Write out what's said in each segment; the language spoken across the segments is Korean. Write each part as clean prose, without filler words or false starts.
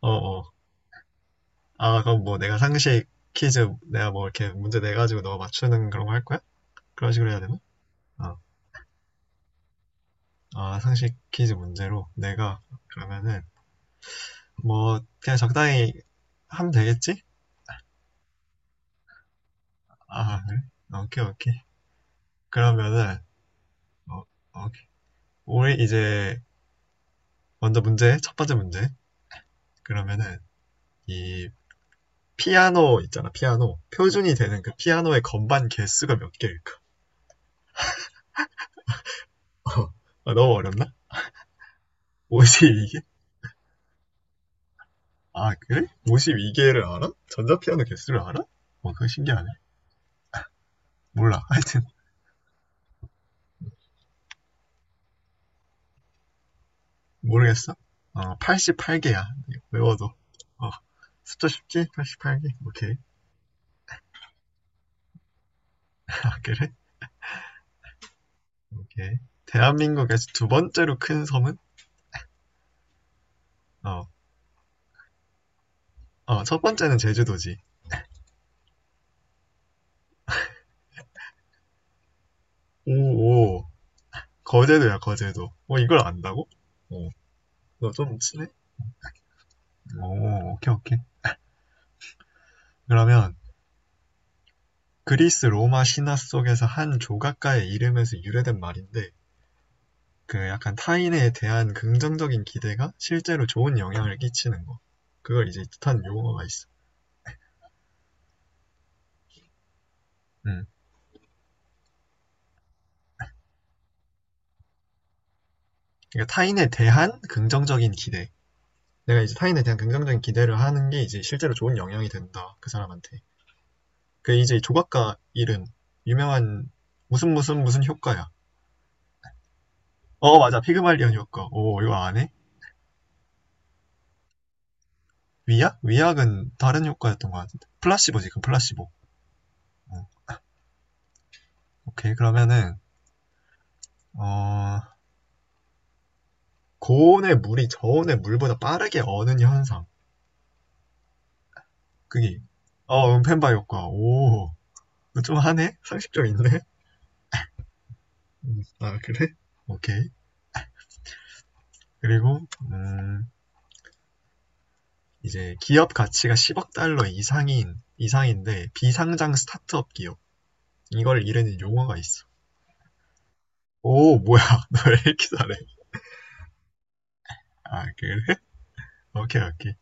어, 어. 아, 그럼 뭐 내가 상식 퀴즈 내가 뭐 이렇게 문제 내가지고 너가 맞추는 그런 거 할 거야? 그런 식으로 해야 되나? 아, 아, 상식 퀴즈 문제로 내가 그러면은 뭐 그냥 적당히 하면 되겠지? 아, 그래? 오케이, 오케이. 그러면은 어, 오케이. 우리 이제 먼저 문제, 첫 번째 문제. 그러면은 이 피아노 있잖아, 피아노. 표준이 되는 그 피아노의 건반 개수가 몇 개일까? 아, 너무 어렵나? 뭐지 이게? 아, 그래? 52개를 알아? 전자피아노 개수를 알아? 와, 그거 신기하네. 몰라. 하여튼, 모르겠어. 어, 88개야. 외워도. 어, 숫자 쉽지? 88개. 오케이. 아, 그래? 오케이. 대한민국에서 두 번째로 큰 섬은? 어, 어, 첫 번째는 제주도지. 오, 오. 거제도야, 거제도. 어, 이걸 안다고? 어, 너 좀 친해? 오, 오케이, 오케이. 그러면, 그리스 로마 신화 속에서 한 조각가의 이름에서 유래된 말인데, 그 약간 타인에 대한 긍정적인 기대가 실제로 좋은 영향을 끼치는 거. 그걸 이제 뜻하는 용어가 있어. 음. 그러니까 타인에 대한 긍정적인 기대. 내가 이제 타인에 대한 긍정적인 기대를 하는 게 이제 실제로 좋은 영향이 된다. 그 사람한테. 그 이제 조각가 이름 유명한 무슨 효과야. 어, 맞아. 피그말리언 효과. 오, 이거 안 해? 위약? 위약은 다른 효과였던 것 같은데. 플라시보. 지금 플라시보. 어, 오케이. 그러면은 어, 고온의 물이 저온의 물보다 빠르게 어는 현상. 그게 어, 음펜바 효과. 오좀 하네. 상식적 있네. 아, 그래. 오케이. 그리고 음, 이제 기업 가치가 10억 달러 이상인데 비상장 스타트업 기업. 이걸 이르는 용어가 있어. 오, 뭐야? 너 왜 이렇게 잘해? 아, 그래. 오케이, 오케이.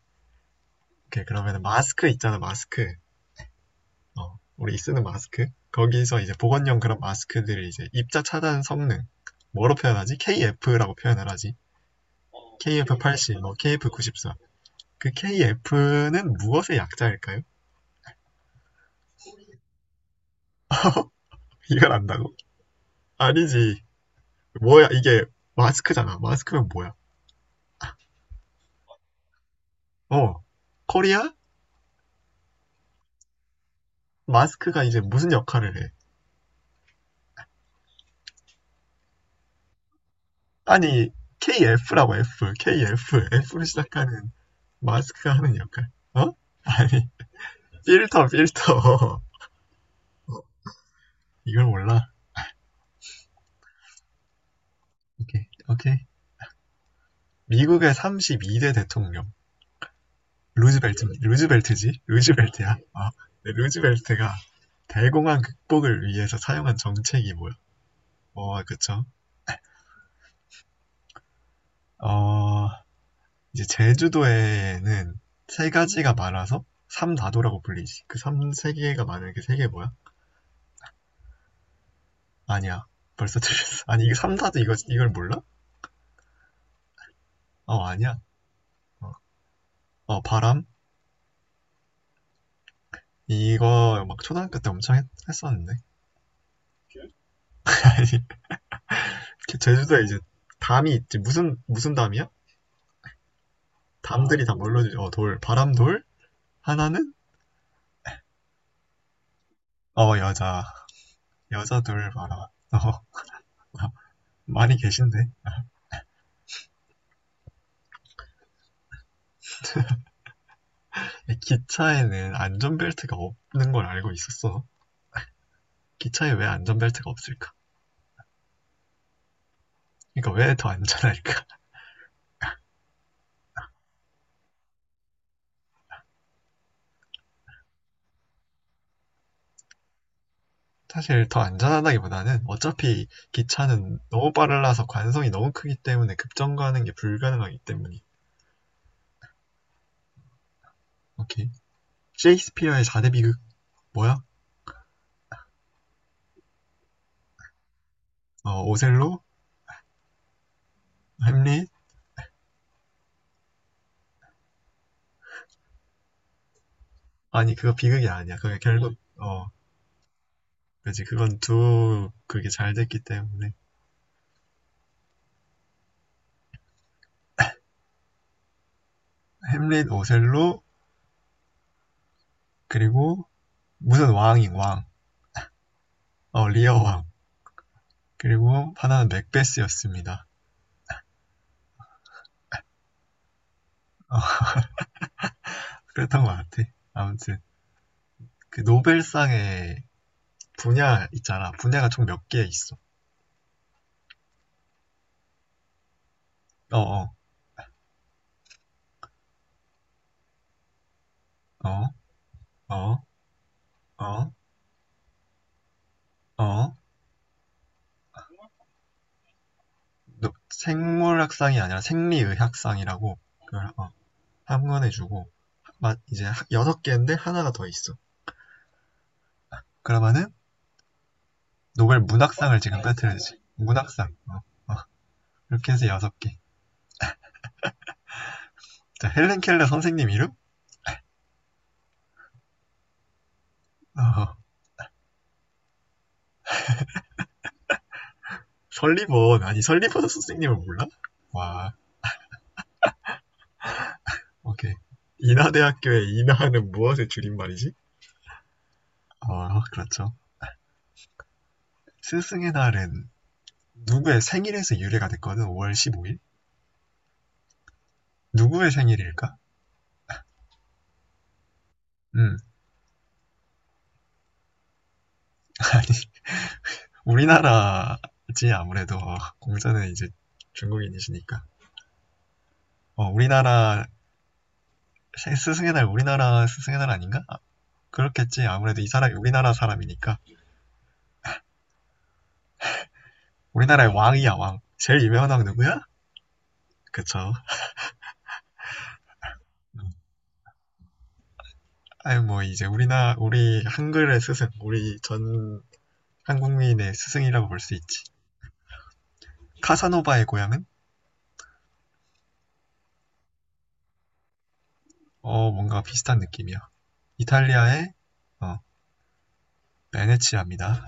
오케이, 그러면 마스크 있잖아, 마스크. 어, 우리 쓰는 마스크, 거기서 이제 보건용 그런 마스크들을 이제 입자 차단 성능 뭐로 표현하지? KF라고 표현을 하지. KF80, 뭐 KF94. 그 KF는 무엇의 약자일까요? 이걸 안다고? 아니지. 뭐야, 이게. 마스크잖아. 마스크면 뭐야? 어. 코리아? 마스크가 이제 무슨 역할을 해? 아니, KF라고 F, KF, F로 시작하는 마스크가 하는 역할. 어? 아니, 필터, 필터. 이걸 몰라. 오케이, 오케이. 미국의 32대 대통령. 루즈벨트. 루즈벨트지? 루즈벨트야? 어. 네, 루즈벨트가 대공황 극복을 위해서 사용한 정책이 뭐야? 어, 그쵸. 어, 이제 제주도에는 세 가지가 많아서 삼다도라고 불리지. 그 삼, 세 개가 많은 게 세 개 뭐야? 아니야. 벌써 틀렸어. 아니, 이게 삼다도 이거, 이걸 몰라? 어, 아니야. 어, 어, 바람? 이거 막 초등학교 때 엄청 했, 었는데. 아니, 제주도에 이제 담이 있지. 무슨, 무슨 담이야? 담들이 다 뭘로, 주- 어, 돌, 바람돌, 하나는 어, 여자. 여자 둘 봐라. 어. 많이 계신데. 기차에는 안전벨트가 없는 걸 알고 있었어? 기차에 왜 안전벨트가 없을까? 그러니까 왜 더 안전할까? 사실 더 안전하다기보다는 어차피 기차는 너무 빨라서 관성이 너무 크기 때문에 급정거하는 게 불가능하기 때문이. 오케이. 셰익스피어의 4대 비극 뭐야? 어, 오셀로, 햄릿. 아니, 그거 비극이 아니야. 그게 결국 어, 그지. 그건 두, 그게 잘 됐기 때문에. 햄릿, 오셀로. 그리고 무슨 왕인 왕. 어, 리어 왕. 그리고 하나는 맥베스였습니다. 어, 그랬던 것 같아. 아무튼, 그 노벨상의 분야 있잖아. 분야가 총 몇 개 있어. 어, 어, 어, 어, 어, 어. 생물학상이 아니라 생리의학상이라고 그걸 어, 한건해주고 이제 여섯 개인데 하나가 더 있어. 그러면은 노벨 문학상을 지금 빼뜨리지. 문학상. 어, 어. 이렇게 해서 여섯 개. 자, 헬렌 켈러 선생님 이름? 어, 설리번. 아니, 설리번 선생님을 몰라? 와, 오케이. 인하대학교의 인하는 무엇의 줄임말이지? 어, 그렇죠. 스승의 날은 누구의 생일에서 유래가 됐거든, 5월 15일? 누구의 생일일까? 음, 아니, 우리나라지, 아무래도. 어, 공자는 이제 중국인이시니까. 어, 우리나라, 스승의 날, 우리나라 스승의 날 아닌가? 아, 그렇겠지. 아무래도 이 사람이 우리나라 사람이니까. 우리나라의 왕이야, 왕. 제일 유명한 왕 누구야? 그쵸. 아유, 뭐, 이제 우리 한글의 스승, 우리 전 한국민의 스승이라고 볼 수 있지. 카사노바의 고향은? 어, 뭔가 비슷한 느낌이야. 이탈리아의, 어, 베네치아입니다.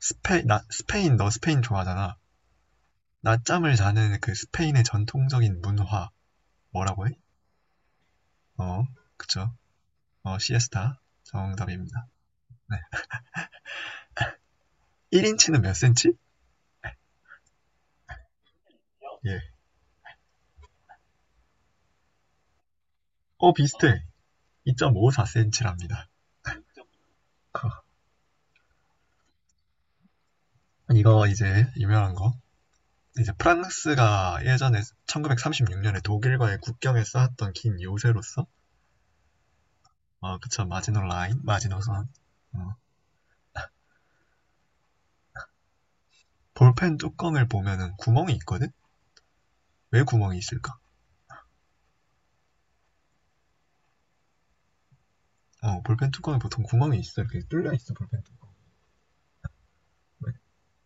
스페인, 너 스페인 좋아하잖아. 낮잠을 자는 그 스페인의 전통적인 문화, 뭐라고 해? 어, 그쵸. 어, 시에스타. 정답입니다. 1인치는 몇 센치? 예. 어, 비슷해. 2.54cm랍니다. 이거 이제 유명한 거. 이제 프랑스가 예전에 1936년에 독일과의 국경에 쌓았던 긴 요새로서 어, 그쵸. 마지노 라인, 마지노선. 어, 볼펜 뚜껑을 보면은 구멍이 있거든. 왜 구멍이 있을까? 어, 볼펜 뚜껑에 보통 구멍이 있어. 이렇게 뚫려 있어. 볼펜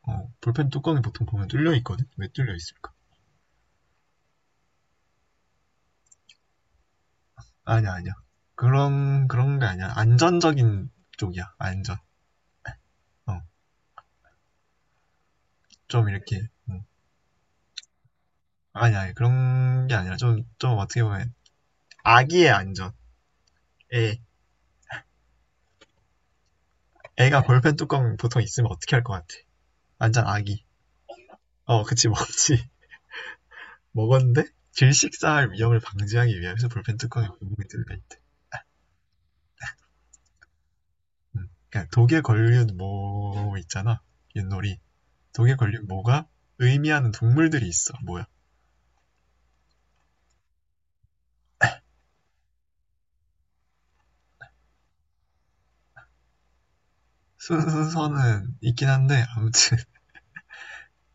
뚜껑. 어, 볼펜 뚜껑이 보통 보면 뚫려 있거든. 왜 뚫려 있을까? 아니야. 그런 게 아니야. 안전적인 쪽이야. 안전. 어, 좀 이렇게. 어. 아니야, 아니, 그런 게 아니라 좀 어떻게 보면 아기의 안전에. 애가 볼펜 뚜껑 보통 있으면 어떻게 할 것 같아? 완전 아기. 어, 그치, 먹지. 먹었는데 질식사할 위험을 방지하기 위해서 볼펜 뚜껑에 고무이 들어 있대. 음. 그러니까 독에 걸린 모 있잖아, 윷놀이. 독에 걸린 모가 의미하는 동물들이 있어. 뭐야? 순서는 있긴 한데 아무튼.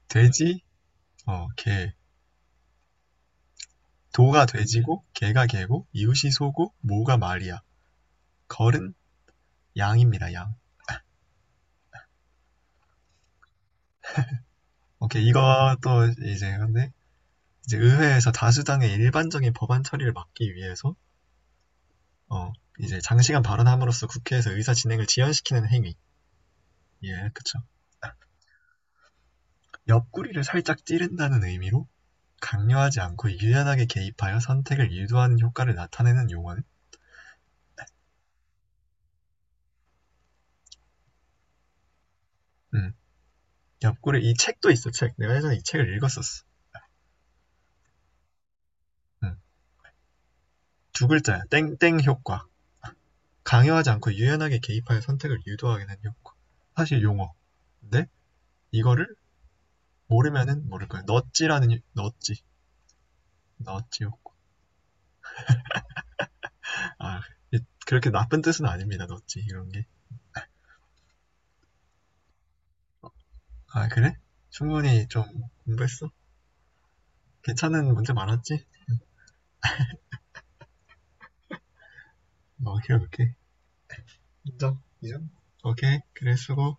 돼지, 어, 개. 도가 돼지고, 개가 개고, 이웃이 소고, 모가 말이야. 걸은 양입니다, 양. 오케이, 이것도 이제 근데 이제 의회에서 다수당의 일반적인 법안 처리를 막기 위해서 어, 이제 장시간 발언함으로써 국회에서 의사 진행을 지연시키는 행위. 예, 그쵸. 옆구리를 살짝 찌른다는 의미로 강요하지 않고 유연하게 개입하여 선택을 유도하는 효과를 나타내는 용어는. 음, 옆구리. 이 책도 있어. 책 내가 예전에 이 책을 읽었었어. 음, 두 글자야. 땡땡 효과. 강요하지 않고 유연하게 개입하여 선택을 유도하게 되는 효과. 사실 용어, 근데 이거를 모르면은 모를 거야. 넛지라는, 넛지. 넛지. 아, 그렇게 나쁜 뜻은 아닙니다, 넣찌지 이런 게. 아, 그래? 충분히 좀 공부했어? 괜찮은 문제 많았지? 뭐, 오케이, 오케이. 인정? 인정? 오케이, 그래, 수고.